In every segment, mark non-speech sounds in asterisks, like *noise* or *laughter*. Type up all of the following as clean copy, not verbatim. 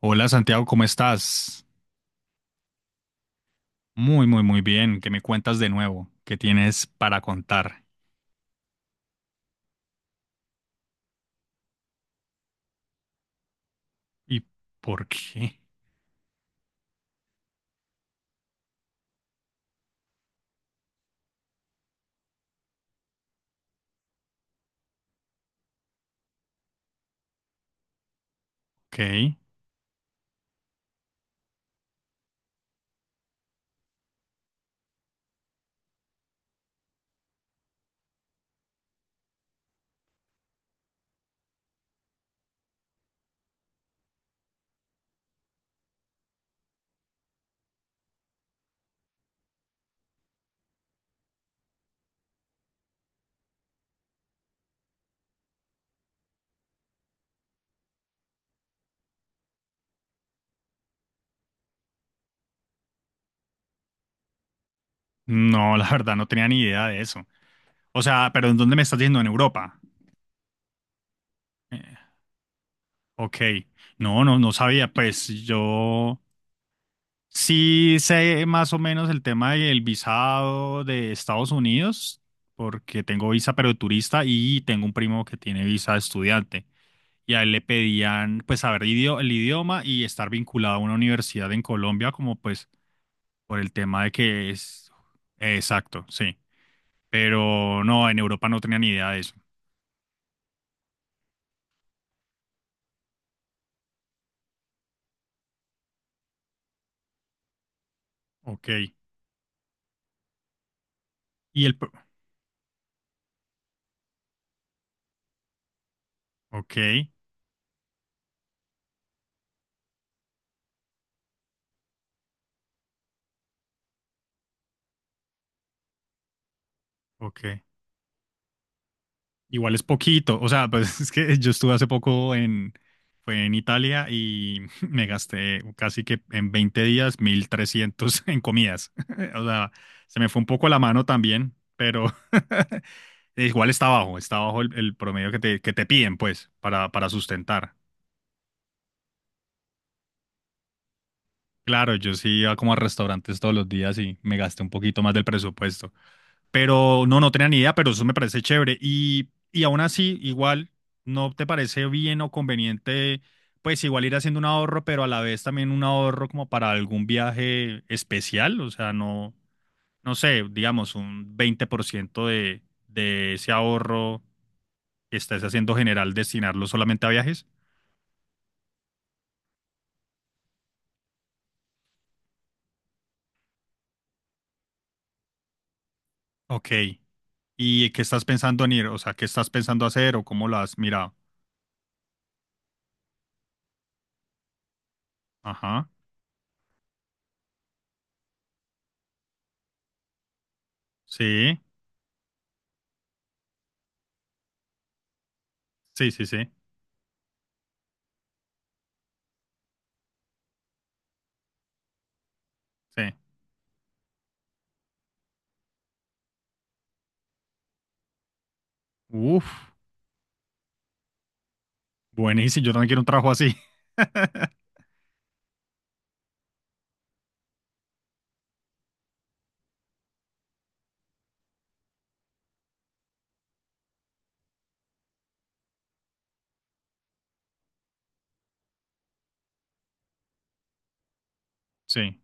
Hola Santiago, ¿cómo estás? Muy, muy, muy bien. ¿Qué me cuentas de nuevo? ¿Qué tienes para contar? ¿Y por qué? Ok. No, *laughs* la verdad no tenía ni idea de eso. O sea, pero ¿en dónde me estás yendo? ¿En Europa? Eh, ok. No, no, no sabía. Pues yo sí sé más o menos el tema del visado de Estados Unidos, porque tengo visa pero de turista y tengo un primo que tiene visa de estudiante. Y a él le pedían, pues, saber el idioma y estar vinculado a una universidad en Colombia, como pues por el tema de que es... exacto, sí. Pero no, en Europa no tenía ni idea de eso. Ok. Y el pro- ok, ok. Igual es poquito, o sea, pues *laughs* es que yo estuve hace poco en, fue en Italia y *laughs* me gasté casi que en 20 días 1.300 en comidas. *laughs* O sea, se me fue un poco la mano también, pero *laughs* igual está bajo el promedio que te piden, pues, para sustentar. Claro, yo sí iba como a restaurantes todos los días y me gasté un poquito más del presupuesto. Pero no, no tenía ni idea, pero eso me parece chévere. Y aún así, igual, ¿no te parece bien o conveniente, pues igual ir haciendo un ahorro, pero a la vez también un ahorro como para algún viaje especial? O sea, no, no sé, digamos, un 20% de ese ahorro que estás haciendo general, destinarlo solamente a viajes. Ok. ¿Y qué estás pensando en ir? O sea, ¿qué estás pensando hacer o cómo lo has mirado? Ajá. Sí, sí, sí, sí. Sí. Uf. Buenísimo, yo también quiero un trabajo así. *laughs* Sí,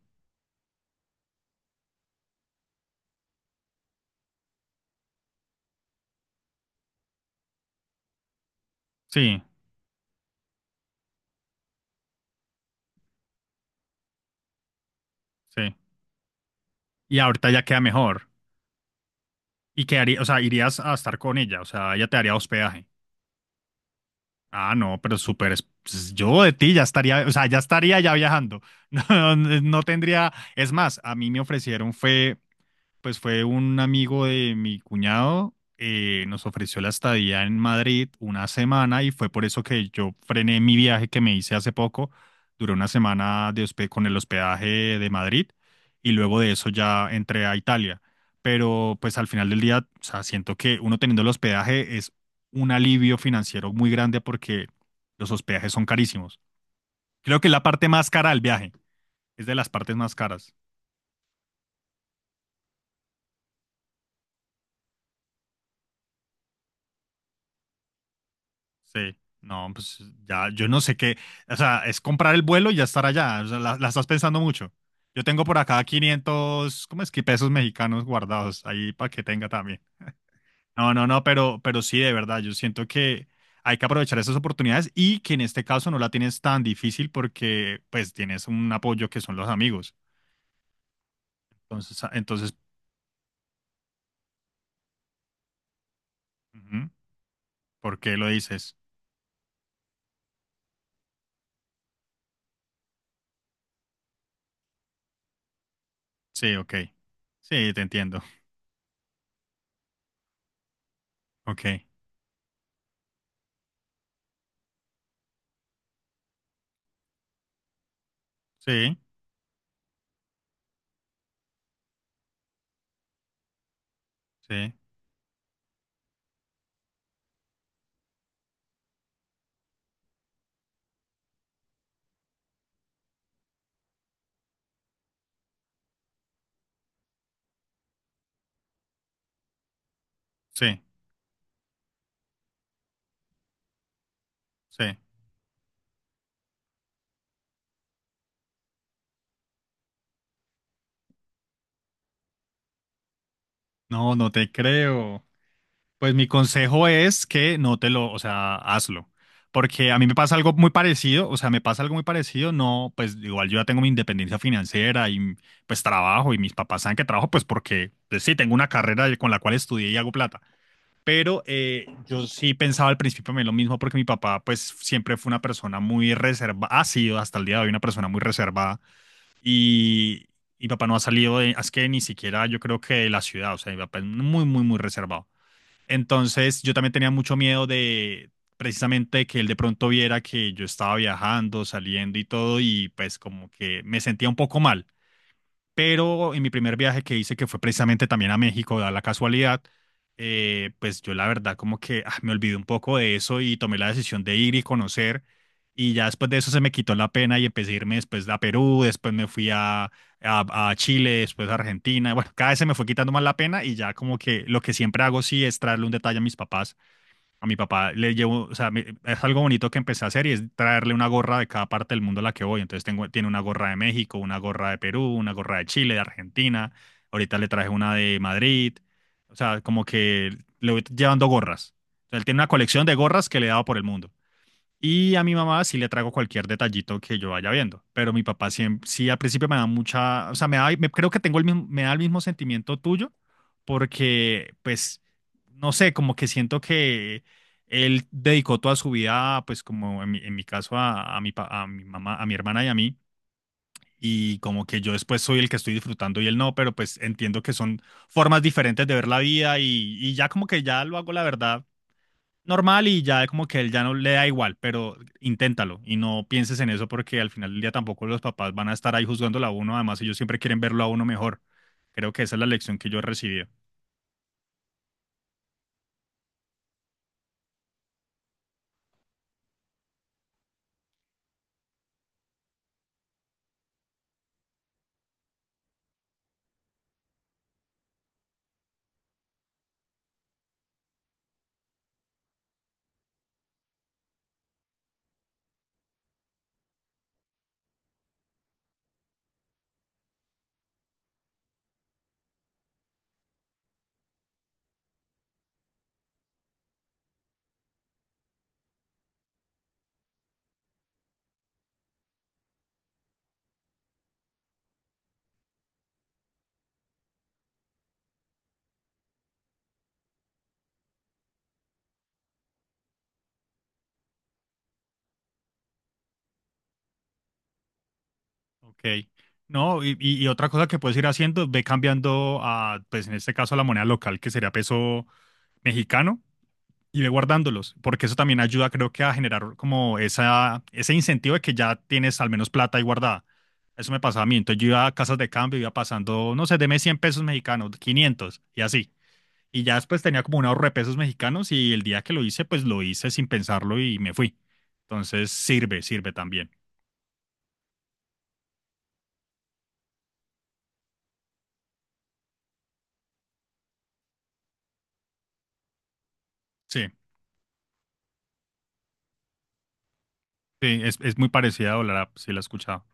sí, sí. Y ahorita ya queda mejor. Y quedaría, o sea, irías a estar con ella, o sea, ella te daría hospedaje. Ah, no, pero súper. Pues, yo de ti ya estaría, o sea, ya estaría ya viajando. *laughs* No, no tendría. Es más, a mí me ofrecieron fue... Pues fue un amigo de mi cuñado, nos ofreció la estadía en Madrid una semana y fue por eso que yo frené mi viaje que me hice hace poco. Duré una semana de con el hospedaje de Madrid y luego de eso ya entré a Italia. Pero pues al final del día, o sea, siento que uno teniendo el hospedaje es un alivio financiero muy grande porque los hospedajes son carísimos. Creo que es la parte más cara del viaje, es de las partes más caras. Sí, no, pues ya, yo no sé qué, o sea, es comprar el vuelo y ya estar allá, o sea, la estás pensando mucho. Yo tengo por acá 500, ¿cómo es que pesos mexicanos guardados ahí para que tenga también? No, no, no, pero sí, de verdad, yo siento que hay que aprovechar esas oportunidades y que en este caso no la tienes tan difícil porque pues tienes un apoyo que son los amigos. Entonces, ah, entonces, ujú, ¿por qué lo dices? Sí, ok. Sí, te entiendo. Ok. Sí, sí, sí, sí. No, no te creo. Pues mi consejo es que no te lo, o sea, hazlo. Porque a mí me pasa algo muy parecido, o sea, me pasa algo muy parecido, no, pues igual yo ya tengo mi independencia financiera y pues trabajo y mis papás saben que trabajo, pues porque pues, sí, tengo una carrera con la cual estudié y hago plata. Pero yo sí pensaba al principio me lo mismo porque mi papá pues siempre fue una persona muy reservada, ha sido hasta el día de hoy una persona muy reservada y, y papá no ha salido de, es que ni siquiera yo creo que de la ciudad, o sea, mi papá es muy, muy, muy reservado. Entonces yo también tenía mucho miedo de precisamente que él de pronto viera que yo estaba viajando, saliendo y todo, y pues como que me sentía un poco mal. Pero en mi primer viaje que hice, que fue precisamente también a México, da la casualidad, pues yo la verdad como que ah, me olvidé un poco de eso y tomé la decisión de ir y conocer. Y ya después de eso se me quitó la pena y empecé a irme después a Perú, después me fui a, a Chile, después a Argentina. Bueno, cada vez se me fue quitando más la pena y ya como que lo que siempre hago sí es traerle un detalle a mis papás. A mi papá le llevo, o sea, es algo bonito que empecé a hacer y es traerle una gorra de cada parte del mundo a la que voy. Entonces tengo, tiene una gorra de México, una gorra de Perú, una gorra de Chile, de Argentina. Ahorita le traje una de Madrid. O sea, como que le voy llevando gorras. O sea, él tiene una colección de gorras que le he dado por el mundo. Y a mi mamá sí le traigo cualquier detallito que yo vaya viendo, pero mi papá siempre, sí al principio me da mucha, o sea, me da, creo que tengo el mismo, me da el mismo sentimiento tuyo, porque pues, no sé, como que siento que él dedicó toda su vida, pues como en mi caso a mi mamá, a mi hermana y a mí, y como que yo después soy el que estoy disfrutando y él no, pero pues entiendo que son formas diferentes de ver la vida y ya como que ya lo hago la verdad normal y ya como que él ya no le da igual, pero inténtalo y no pienses en eso porque al final del día tampoco los papás van a estar ahí juzgándolo a uno, además ellos siempre quieren verlo a uno mejor. Creo que esa es la lección que yo he recibido. Ok. No, y otra cosa que puedes ir haciendo, ve cambiando a, pues en este caso, a la moneda local, que sería peso mexicano, y ve guardándolos, porque eso también ayuda, creo que, a generar como esa, ese incentivo de que ya tienes al menos plata ahí guardada. Eso me pasaba a mí. Entonces yo iba a casas de cambio, iba pasando, no sé, deme 100 pesos mexicanos, 500 y así. Y ya después tenía como un ahorro de pesos mexicanos y el día que lo hice, pues lo hice sin pensarlo y me fui. Entonces sirve, sirve también. Sí, sí, es muy parecida a Dólar App, sí la he escuchado.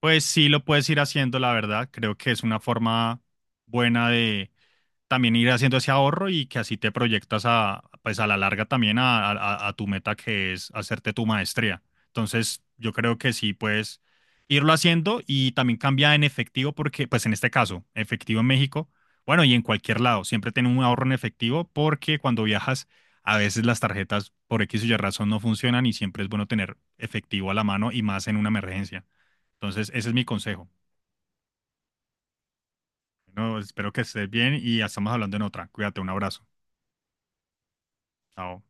Pues sí lo puedes ir haciendo, la verdad. Creo que es una forma buena también ir haciendo ese ahorro y que así te proyectas a, pues a la larga también a, tu meta que es hacerte tu maestría. Entonces, yo creo que sí puedes irlo haciendo y también cambia en efectivo porque, pues en este caso, efectivo en México, bueno, y en cualquier lado, siempre ten un ahorro en efectivo porque cuando viajas, a veces las tarjetas por X o Y razón no funcionan y siempre es bueno tener efectivo a la mano y más en una emergencia. Entonces, ese es mi consejo. Bueno, espero que estés bien y ya estamos hablando en otra. Cuídate, un abrazo. Chao.